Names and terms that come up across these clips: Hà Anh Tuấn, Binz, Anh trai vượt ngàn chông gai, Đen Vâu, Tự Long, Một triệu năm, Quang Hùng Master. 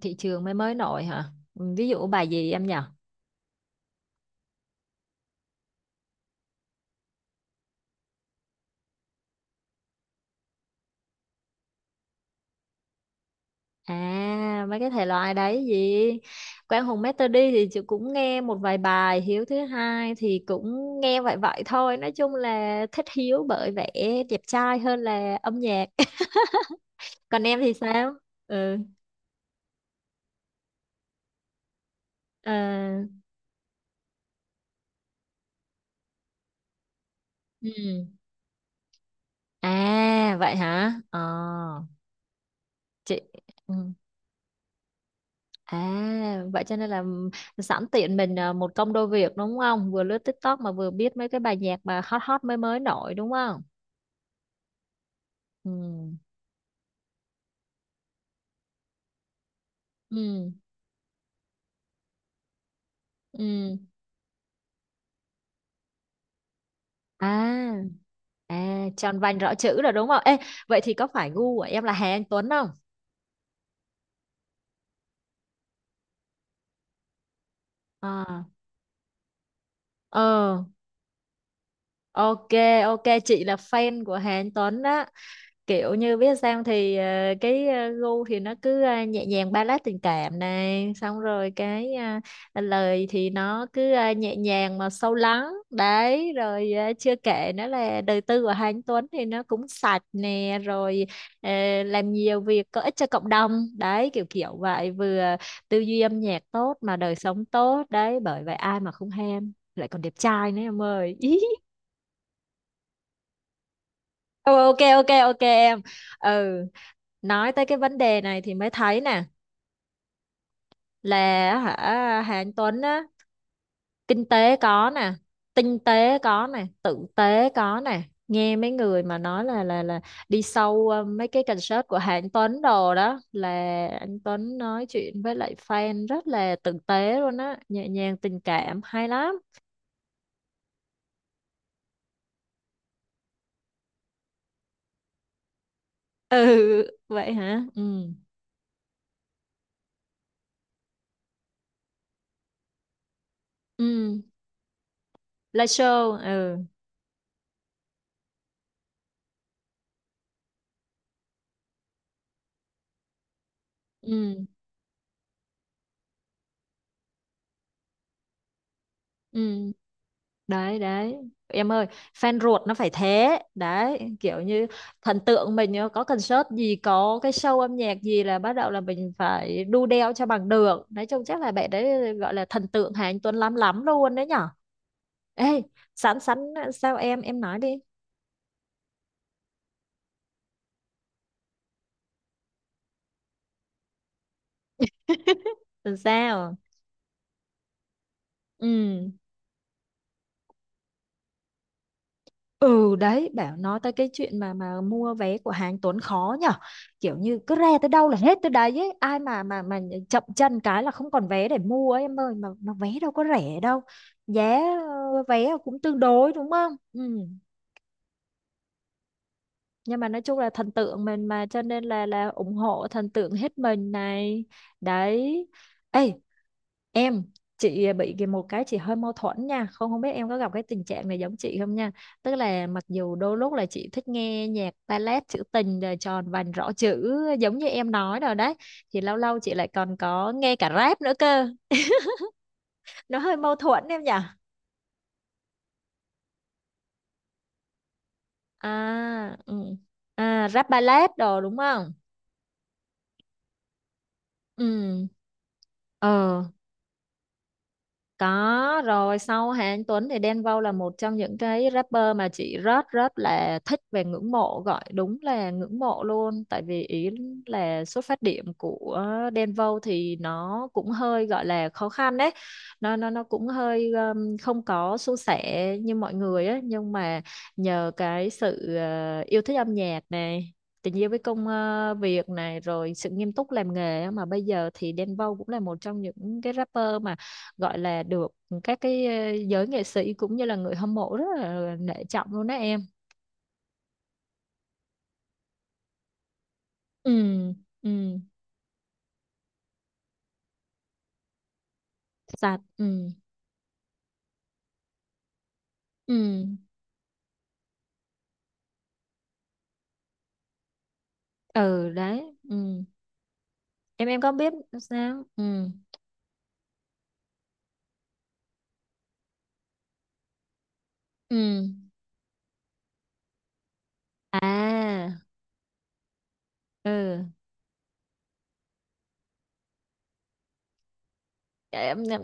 Thị trường mới mới nổi hả? Ừ, ví dụ bài gì em nhỉ? Mấy cái thể loại đấy gì. Quang Hùng Master Đi thì chị cũng nghe một vài bài. Hiếu Thứ Hai thì cũng nghe vậy vậy thôi, nói chung là thích Hiếu bởi vẻ đẹp trai hơn là âm nhạc. Còn em thì sao? Ừ. à, ừ. Vậy hả? Ờ chị. Ừ. À, vậy cho nên là sẵn tiện mình, một công đôi việc đúng không? Vừa lướt TikTok mà vừa biết mấy cái bài nhạc mà hot hot mới mới nổi đúng không? Ừ. Ừ. Ừ. À, tròn vành rõ chữ rồi đúng không? Ê, vậy thì có phải gu của em là Hà Anh Tuấn không? À, ờ, ok, ok, chị là fan của Hà Anh Tuấn đó. Kiểu như biết sao thì, gu thì nó cứ nhẹ nhàng, ballad tình cảm này, xong rồi cái lời thì nó cứ nhẹ nhàng mà sâu lắng đấy, rồi chưa kể nữa là đời tư của Hà Anh Tuấn thì nó cũng sạch nè, rồi ờ, làm nhiều việc có ích cho cộng đồng đấy kiểu kiểu vậy, vừa tư duy âm nhạc tốt mà đời sống tốt đấy, bởi vậy ai mà không ham, lại còn đẹp trai nữa em ơi. Ừ, ok ok ok em. Ừ, nói tới cái vấn đề này thì mới thấy nè, là, hả, Hà Anh Tuấn á, kinh tế có nè, tinh tế có nè, tử tế có nè, nghe mấy người mà nói là đi sâu mấy cái concert của Hà Anh Tuấn đồ đó là anh Tuấn nói chuyện với lại fan rất là tử tế luôn á, nhẹ nhàng tình cảm hay lắm. Ừ. Vậy hả? Ừ. Ừ, live show. Ừ. Ừ. Ừ, đấy đấy em ơi, fan ruột nó phải thế, đấy kiểu như thần tượng mình á, có concert gì có cái show âm nhạc gì là bắt đầu là mình phải đu đeo cho bằng được, nói chung chắc là bạn đấy gọi là thần tượng Hà Anh Tuấn lắm lắm luôn đấy nhở. Ê, sẵn sẵn sao em nói đi. Làm sao. Ừ. Ừ đấy, bảo nói tới cái chuyện mà mua vé của hàng Tuấn khó nhở, kiểu như cứ re tới đâu là hết tới đấy ấy. Ai mà chậm chân cái là không còn vé để mua ấy, em ơi, mà vé đâu có rẻ đâu, giá vé cũng tương đối đúng không. Ừ. Nhưng mà nói chung là thần tượng mình mà cho nên là ủng hộ thần tượng hết mình này, đấy. Ê em, chị bị cái một cái chị hơi mâu thuẫn nha, không không biết em có gặp cái tình trạng này giống chị không nha, tức là mặc dù đôi lúc là chị thích nghe nhạc ballad trữ tình rồi tròn vành rõ chữ giống như em nói rồi đấy, thì lâu lâu chị lại còn có nghe cả rap nữa cơ. Nó hơi mâu thuẫn em nhỉ? Ừ. Rap ballad đồ đúng không. Ừ. ờ Có rồi, sau Hà Anh Tuấn thì Đen Vâu là một trong những cái rapper mà chị rất rất là thích và ngưỡng mộ, gọi đúng là ngưỡng mộ luôn, tại vì ý là xuất phát điểm của Đen Vâu thì nó cũng hơi gọi là khó khăn đấy, nó cũng hơi không có suôn sẻ như mọi người á, nhưng mà nhờ cái sự yêu thích âm nhạc này, tình yêu với công việc này, rồi sự nghiêm túc làm nghề á, mà bây giờ thì Đen Vâu cũng là một trong những cái rapper gọi là được các cái giới nghệ sĩ cũng như là người hâm mộ rất là nể trọng luôn đó em. Ừ. Ừ. Sạch. Ừ. Ừ. Ừ, đấy. Ừ. Em có biết sao. Ừ. Ừ. à ừ. Cái em-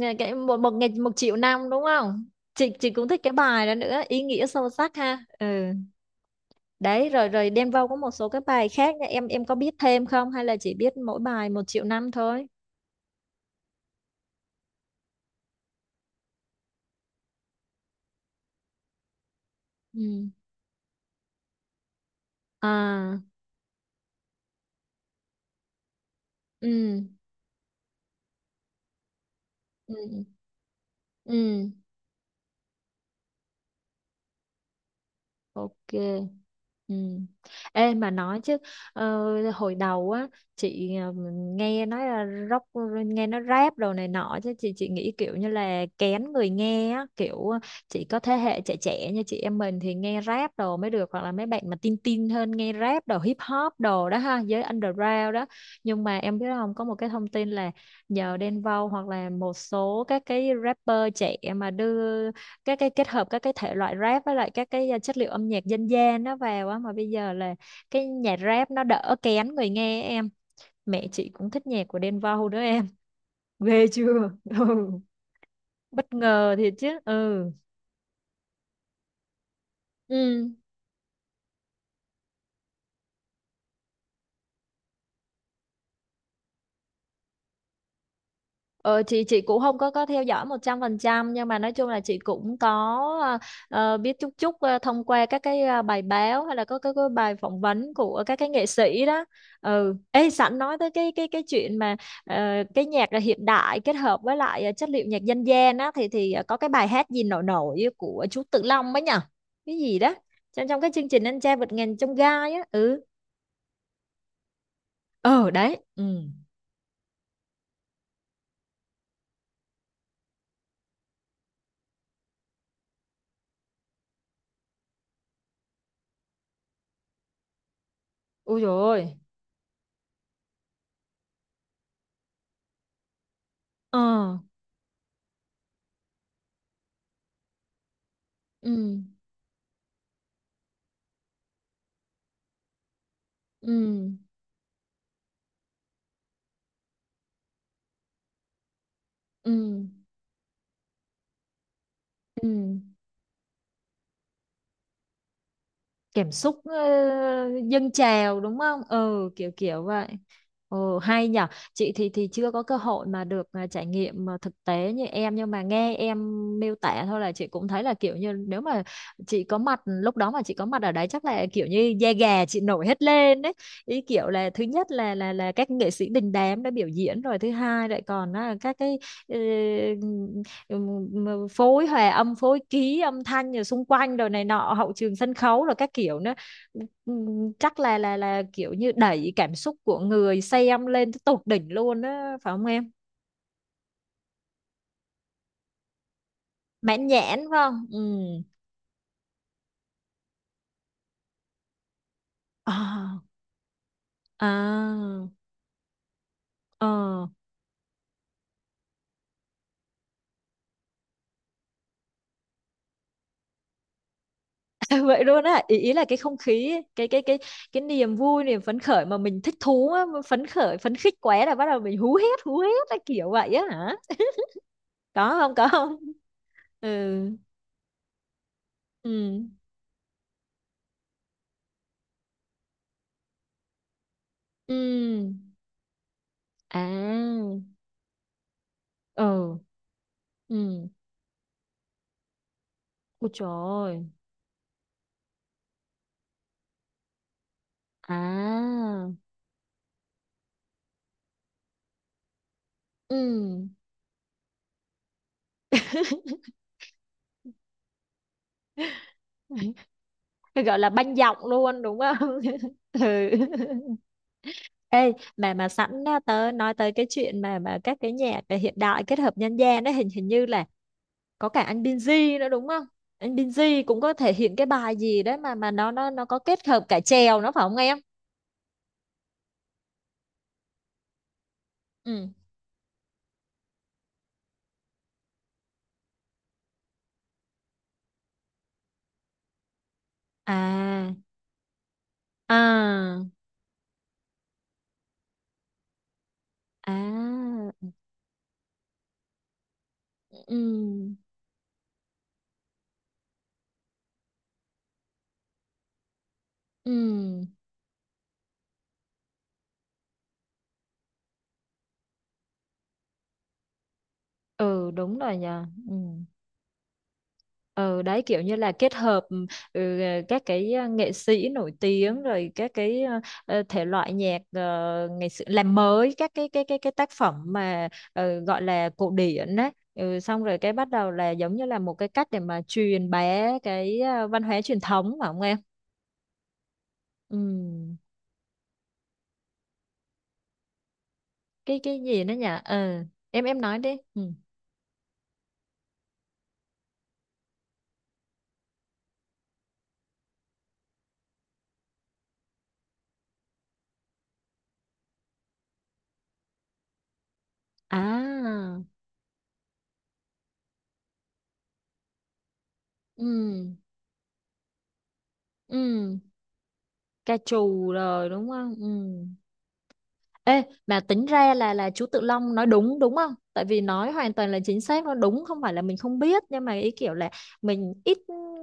nghe cái một một ngày một triệu năm đúng không. Chị cũng thích cái bài đó nữa, ý nghĩa sâu sắc ha. Ừ. Đấy, rồi rồi Đen Vâu có một số cái bài khác nha. Em có biết thêm không hay là chỉ biết mỗi bài một triệu năm thôi. Ừ. à ừ. Ừ. Ừ. Ok. Ừ. Ê mà nói chứ, hồi đầu á chị nghe nói là rock, nghe nó rap đồ này nọ, chứ chị nghĩ kiểu như là kén người nghe á, kiểu chỉ có thế hệ trẻ trẻ như chị em mình thì nghe rap đồ mới được, hoặc là mấy bạn mà tin tin hơn nghe rap đồ hip hop đồ đó ha, giới underground đó. Nhưng mà em biết không, có một cái thông tin là nhờ Đen Vâu hoặc là một số các cái rapper trẻ mà đưa các cái kết hợp các cái thể loại rap với lại các cái chất liệu âm nhạc dân gian nó vào á, mà bây giờ là cái nhạc rap nó đỡ kén người nghe em, mẹ chị cũng thích nhạc của Đen Vâu đó em, ghê chưa. Ừ. Bất ngờ thiệt chứ. Ừ. Ừ. Ờ, chị cũng không có theo dõi 100%, nhưng mà nói chung là chị cũng có ờ, biết chút chút, thông qua các cái bài báo hay là có các cái bài phỏng vấn của các cái nghệ sĩ đó. Ừ. Ê, sẵn nói tới cái chuyện mà ờ, cái nhạc là hiện đại kết hợp với lại chất liệu nhạc dân gian á, thì có cái bài hát gì nổi nổi của chú Tự Long ấy nhở? Cái gì đó? Trong Trong cái chương trình Anh Trai Vượt Ngàn Chông Gai á. Ừ. Ờ đấy. Ừ. Ui dồi ôi. Ờ. Ừ. Ừ. Ừ. Ừ. Cảm xúc dâng trào đúng không, ừ, kiểu kiểu vậy. Ừ hay nhở. Chị thì chưa có cơ hội mà được, trải nghiệm mà thực tế như em, nhưng mà nghe em miêu tả thôi là chị cũng thấy là kiểu như nếu mà chị có mặt lúc đó, mà chị có mặt ở đấy chắc là kiểu như da gà chị nổi hết lên đấy, ý kiểu là thứ nhất là các nghệ sĩ đình đám đã biểu diễn rồi, thứ hai lại còn là các cái ờ, ừ, phối hòa âm phối ký âm thanh rồi xung quanh rồi này nọ hậu trường sân khấu rồi các kiểu nữa. Ừ, chắc là kiểu như đẩy cảm xúc của người xem lên tới tột đỉnh luôn á phải không em, mãn nhãn phải không. Ừ. À, à, ờ. Vậy luôn á, ý, là cái không khí ấy, cái niềm vui niềm phấn khởi mà mình thích thú á, mà phấn khởi phấn khích quá là bắt đầu mình hú hét hú hét, cái kiểu vậy á hả? Có không, có không? Ừ. Ừ. Ừ. À, ờ, ừ, ôi trời ơi. À, ừ. Cái gọi là banh giọng luôn đúng không? Ừ. Ê, mà sẵn á, tớ nói tới cái chuyện mà các cái nhạc hiện đại kết hợp dân gian đấy, hình hình như là có cả anh Binz nữa đúng không? Anh Binz cũng có thể hiện cái bài gì đấy mà nó có kết hợp cả chèo nó phải không em? Ừ. À, à, à, ừ, ừ. Ừ đúng rồi nhờ. Ừ. Ừ đấy kiểu như là kết hợp, ừ, các cái nghệ sĩ nổi tiếng rồi các cái thể loại nhạc ngày xưa, làm mới các cái tác phẩm mà gọi là cổ điển đấy, ừ, xong rồi cái bắt đầu là giống như là một cái cách để mà truyền bá cái văn hóa truyền thống phải không em. Ừ. Cái gì nữa nhỉ. Ừ. Em nói đi. Ừ. à ừ. Ừ. Ca trù rồi đúng không. Ừ. Ê, mà tính ra là chú Tự Long nói đúng đúng không? Tại vì nói hoàn toàn là chính xác, nó đúng, không phải là mình không biết, nhưng mà ý kiểu là mình ít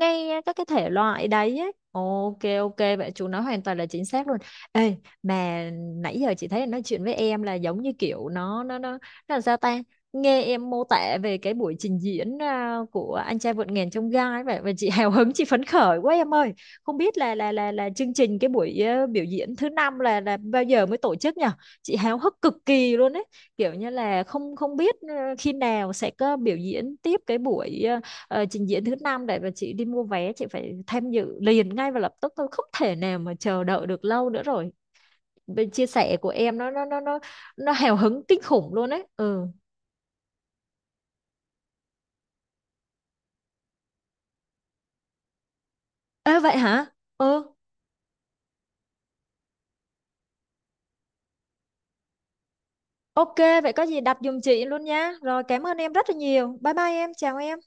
nghe các cái thể loại đấy ấy. Ok ok, vậy chú nói hoàn toàn là chính xác luôn. Ê, mà nãy giờ chị thấy nói chuyện với em là giống như kiểu nó là sao ta? Nghe em mô tả về cái buổi trình diễn, của Anh Trai Vượt Ngàn Chông Gai vậy và chị hào hứng chị phấn khởi quá em ơi. Không biết là chương trình cái buổi biểu diễn thứ năm là bao giờ mới tổ chức nhỉ? Chị háo hức cực kỳ luôn ấy, kiểu như là không không biết khi nào sẽ có biểu diễn tiếp cái buổi trình diễn thứ năm để mà chị đi mua vé, chị phải tham dự liền ngay và lập tức thôi, không thể nào mà chờ đợi được lâu nữa rồi. Bên chia sẻ của em nó nó hào hứng kinh khủng luôn ấy. Ừ. Ê vậy hả? Ừ. Ok, vậy có gì đặt giùm chị luôn nha, rồi cảm ơn em rất là nhiều, bye bye em, chào em.